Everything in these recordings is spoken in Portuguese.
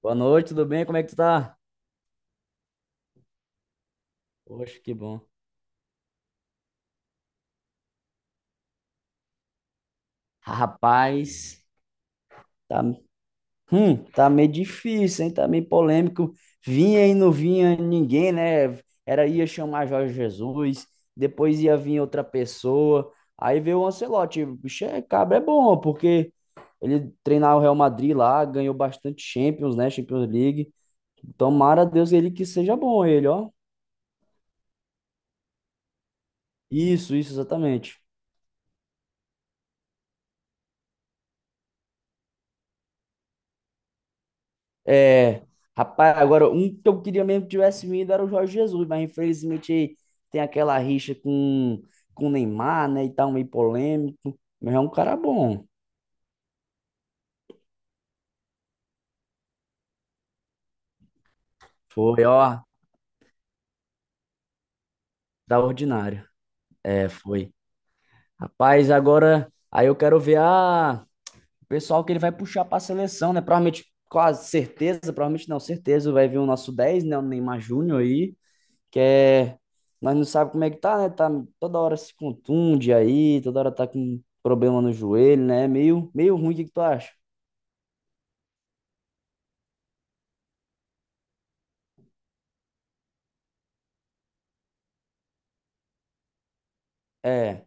Boa noite, tudo bem? Como é que tu tá? Poxa, que bom. Rapaz, tá, tá meio difícil, hein? Tá meio polêmico. Vinha e não vinha ninguém, né? Era Ia chamar Jorge Jesus, depois ia vir outra pessoa. Aí veio o Ancelotti. Bicho, é, cabra é bom, porque ele treinava o Real Madrid lá, ganhou bastante Champions, né? Champions League. Tomara a Deus ele que seja bom, ele, ó. Isso, exatamente. É, rapaz, agora um que eu queria mesmo que tivesse vindo era o Jorge Jesus, mas infelizmente tem aquela rixa com o Neymar, né? E tal, meio polêmico. Mas é um cara bom. Foi, ó, da ordinária. É, foi. Rapaz, agora aí eu quero ver o pessoal que ele vai puxar pra seleção, né? Provavelmente, quase certeza, provavelmente não, certeza vai vir o nosso 10, né? O Neymar Júnior aí. que é, Nós não sabemos como é que tá, né? Tá toda hora se contunde aí, toda hora tá com problema no joelho, né? Meio, meio ruim, o que que tu acha? É.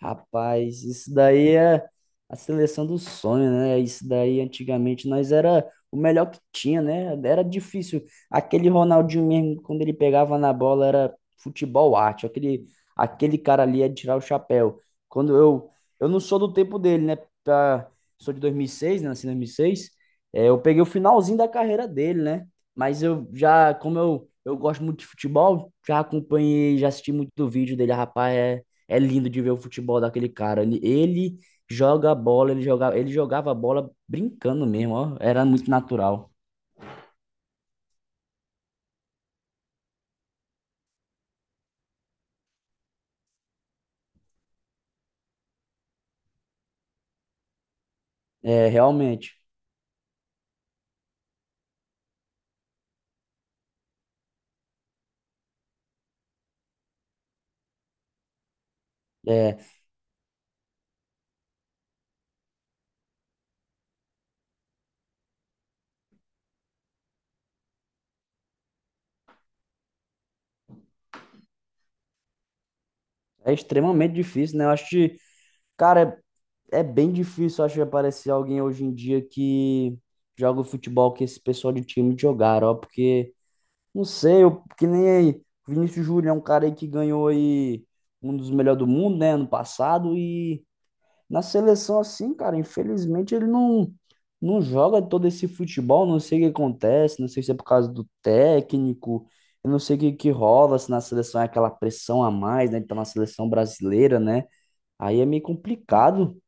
Rapaz, isso daí é a seleção do sonho, né? Isso daí antigamente nós era o melhor que tinha, né? Era difícil. Aquele Ronaldinho mesmo, quando ele pegava na bola, era futebol arte. Aquele cara ali é de tirar o chapéu. Quando eu não sou do tempo dele, né? Pra- Sou de 2006, né? Nasci em 2006. É, eu peguei o finalzinho da carreira dele, né? Mas eu já, como eu gosto muito de futebol, já acompanhei, já assisti muito do vídeo dele, rapaz. É lindo de ver o futebol daquele cara. Ele joga a bola, ele jogava a bola brincando mesmo, ó. Era muito natural. É, realmente. É, é extremamente difícil, né? Eu acho que, cara, é bem difícil, eu acho, aparecer alguém hoje em dia que joga o futebol que esse pessoal de time jogaram, ó. Porque, não sei, eu, que nem aí. Vinícius Júnior é um cara aí que ganhou aí um dos melhores do mundo, né? Ano passado e na seleção, assim, cara, infelizmente ele não, não joga todo esse futebol, não sei o que acontece, não sei se é por causa do técnico, eu não sei o que, que rola, se na seleção é aquela pressão a mais, né? Ele tá na seleção brasileira, né? Aí é meio complicado.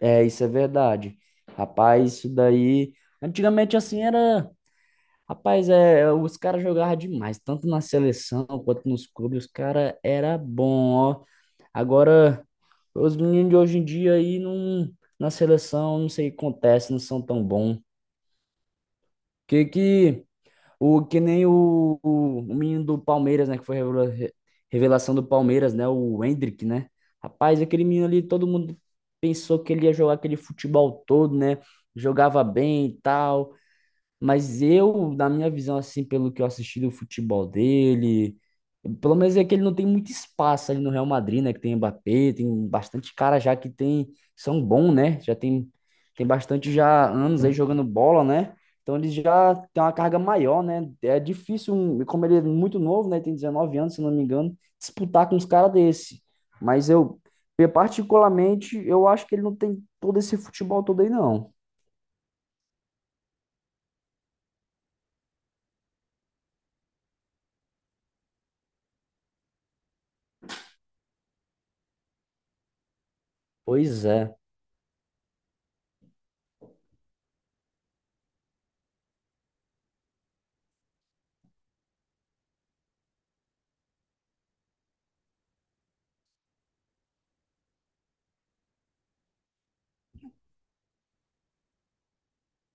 É, isso é verdade. Rapaz, isso daí. Antigamente, assim, era. Rapaz, é, os caras jogavam demais, tanto na seleção quanto nos clubes, os caras era bom, ó. Agora, os meninos de hoje em dia aí não, na seleção, não sei o que acontece, não são tão bons. Que O que nem o menino do Palmeiras, né, que foi revelação do Palmeiras, né, o Endrick, né? Rapaz, aquele menino ali, todo mundo pensou que ele ia jogar aquele futebol todo, né? Jogava bem e tal. Mas eu, na minha visão, assim, pelo que eu assisti do futebol dele, pelo menos é que ele não tem muito espaço ali no Real Madrid, né? Que tem Mbappé, tem bastante cara já que tem, são bons, né? Já tem, tem bastante já anos aí jogando bola, né? Então ele já tem uma carga maior, né? É difícil, como ele é muito novo, né? Tem 19 anos, se não me engano, disputar com uns caras desse. Mas eu, particularmente, eu acho que ele não tem todo esse futebol todo aí, não. Pois é,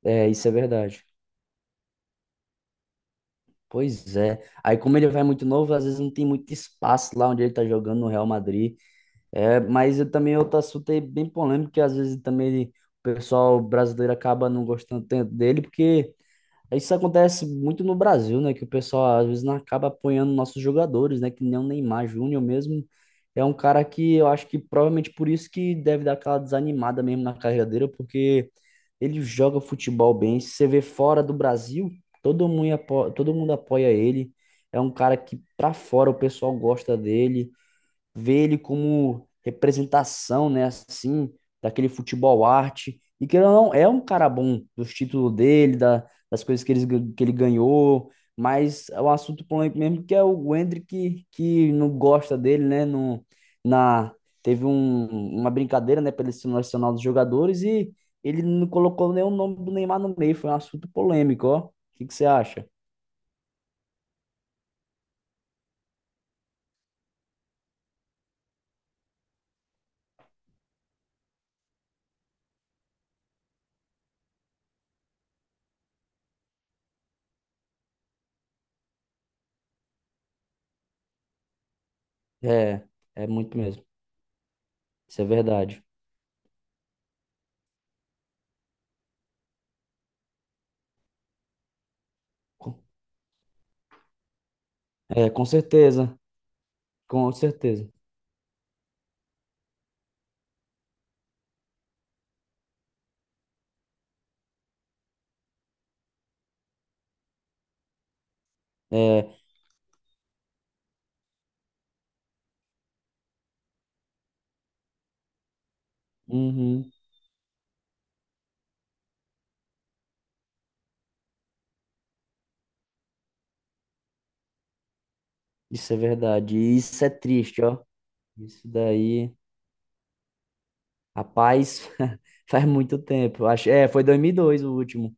é, isso é verdade. Pois é. Aí, como ele vai muito novo, às vezes não tem muito espaço lá onde ele tá jogando no Real Madrid. É, mas eu também outro assunto aí bem polêmico, que às vezes também o pessoal brasileiro acaba não gostando tanto dele, porque isso acontece muito no Brasil, né? Que o pessoal às vezes não acaba apoiando nossos jogadores, né? Que nem o Neymar Júnior mesmo é um cara que eu acho que provavelmente por isso que deve dar aquela desanimada mesmo na carreira dele, porque ele joga futebol bem. Se você vê fora do Brasil, todo mundo apoia ele. É um cara que pra fora o pessoal gosta dele ver ele como representação, né, assim, daquele futebol arte. E que ele não é um cara bom dos títulos dele, da, das coisas que ele ganhou, mas é um assunto polêmico mesmo, que é o Hendrick que não gosta dele, né, no, na, teve uma brincadeira, né, pela seleção nacional dos jogadores e ele não colocou nem o nome do Neymar no meio, foi um assunto polêmico, ó. O que que você acha? É, é muito mesmo. Isso é verdade. É, com certeza, com certeza. É, uhum, isso é verdade. E isso é triste, ó. Isso daí, rapaz, faz muito tempo. Eu acho, é, foi 2002 o último.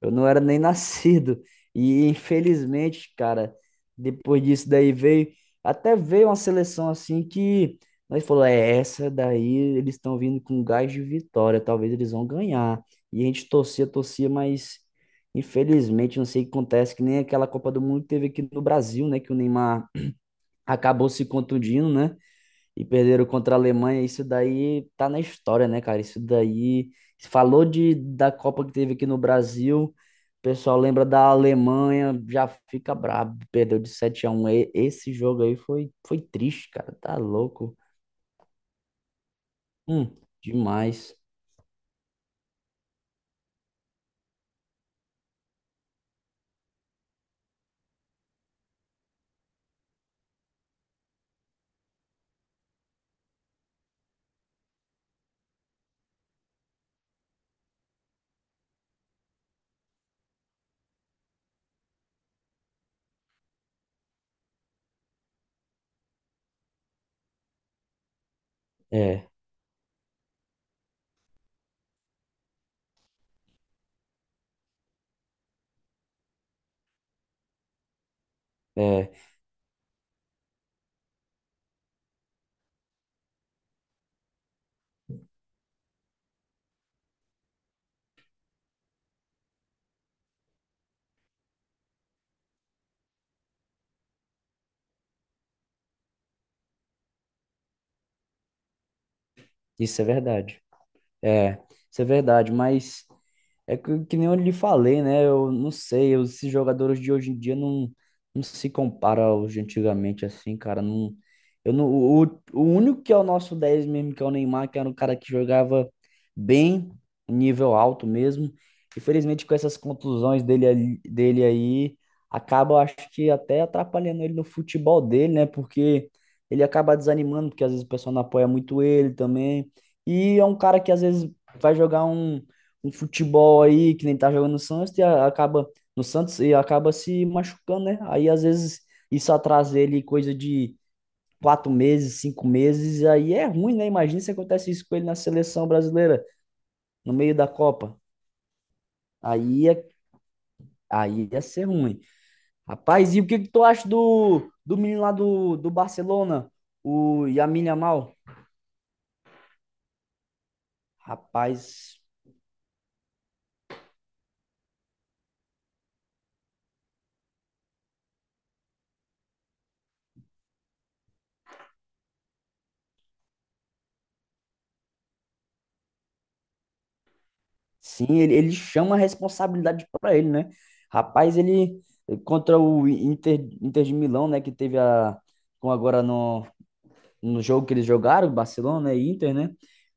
Eu não era nem nascido. E infelizmente, cara, depois disso daí até veio uma seleção assim que nós falou, é essa daí, eles estão vindo com gás de vitória, talvez eles vão ganhar. E a gente torcia, torcia, mas infelizmente não sei o que acontece, que nem aquela Copa do Mundo que teve aqui no Brasil, né, que o Neymar acabou se contundindo, né? E perderam contra a Alemanha. Isso daí tá na história, né, cara? Isso daí. Falou da Copa que teve aqui no Brasil. O pessoal lembra da Alemanha, já fica brabo. Perdeu de 7-1. Esse jogo aí foi triste, cara. Tá louco. Hum, demais. É, é. Isso é verdade. É, isso é verdade, mas é que nem eu lhe falei, né? Eu não sei, esses jogadores de hoje em dia não, não se compara aos de antigamente, assim, cara. Não, eu não, o único que é o nosso 10 mesmo, que é o Neymar, que era um cara que jogava bem, nível alto mesmo. Infelizmente, com essas contusões dele, dele aí, acaba, eu acho que até atrapalhando ele no futebol dele, né? Porque ele acaba desanimando, porque às vezes o pessoal não apoia muito ele também. E é um cara que às vezes vai jogar um futebol aí, que nem tá jogando no Santos, e acaba no Santos e acaba se machucando, né? Aí às vezes isso atrasa ele coisa de 4 meses, 5 meses, e aí é ruim, né? Imagina se acontece isso com ele na seleção brasileira, no meio da Copa. Aí ia, Aí ia ser ruim. Rapaz, e o que que tu acha do menino lá do Barcelona, o Lamine Yamal? Rapaz, sim, ele chama a responsabilidade para ele, né? Rapaz, contra o Inter de Milão, né? Que teve a. Com agora no jogo que eles jogaram, Barcelona e Inter, né?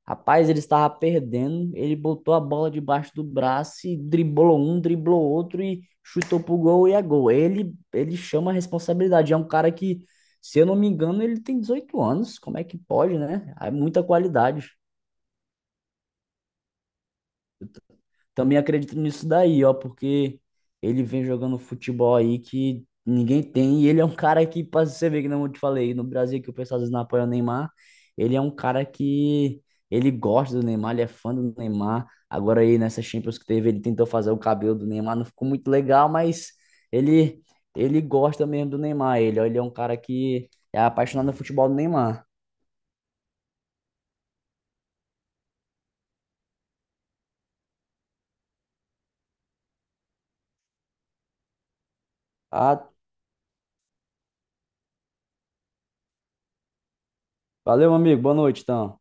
Rapaz, ele estava perdendo. Ele botou a bola debaixo do braço e driblou um, driblou outro e chutou pro gol e é gol. Ele chama a responsabilidade. É um cara que, se eu não me engano, ele tem 18 anos. Como é que pode, né? É muita qualidade. Também acredito nisso daí, ó, porque ele vem jogando futebol aí que ninguém tem. E ele é um cara que, pra você ver que não eu te falei, no Brasil que o pessoal às vezes não apoia o Neymar, ele é um cara que ele gosta do Neymar, ele é fã do Neymar. Agora aí nessa Champions que teve, ele tentou fazer o cabelo do Neymar, não ficou muito legal, mas ele ele gosta mesmo do Neymar, ele, ó, ele é um cara que é apaixonado no futebol do Neymar. Ah, valeu, amigo, boa noite, então.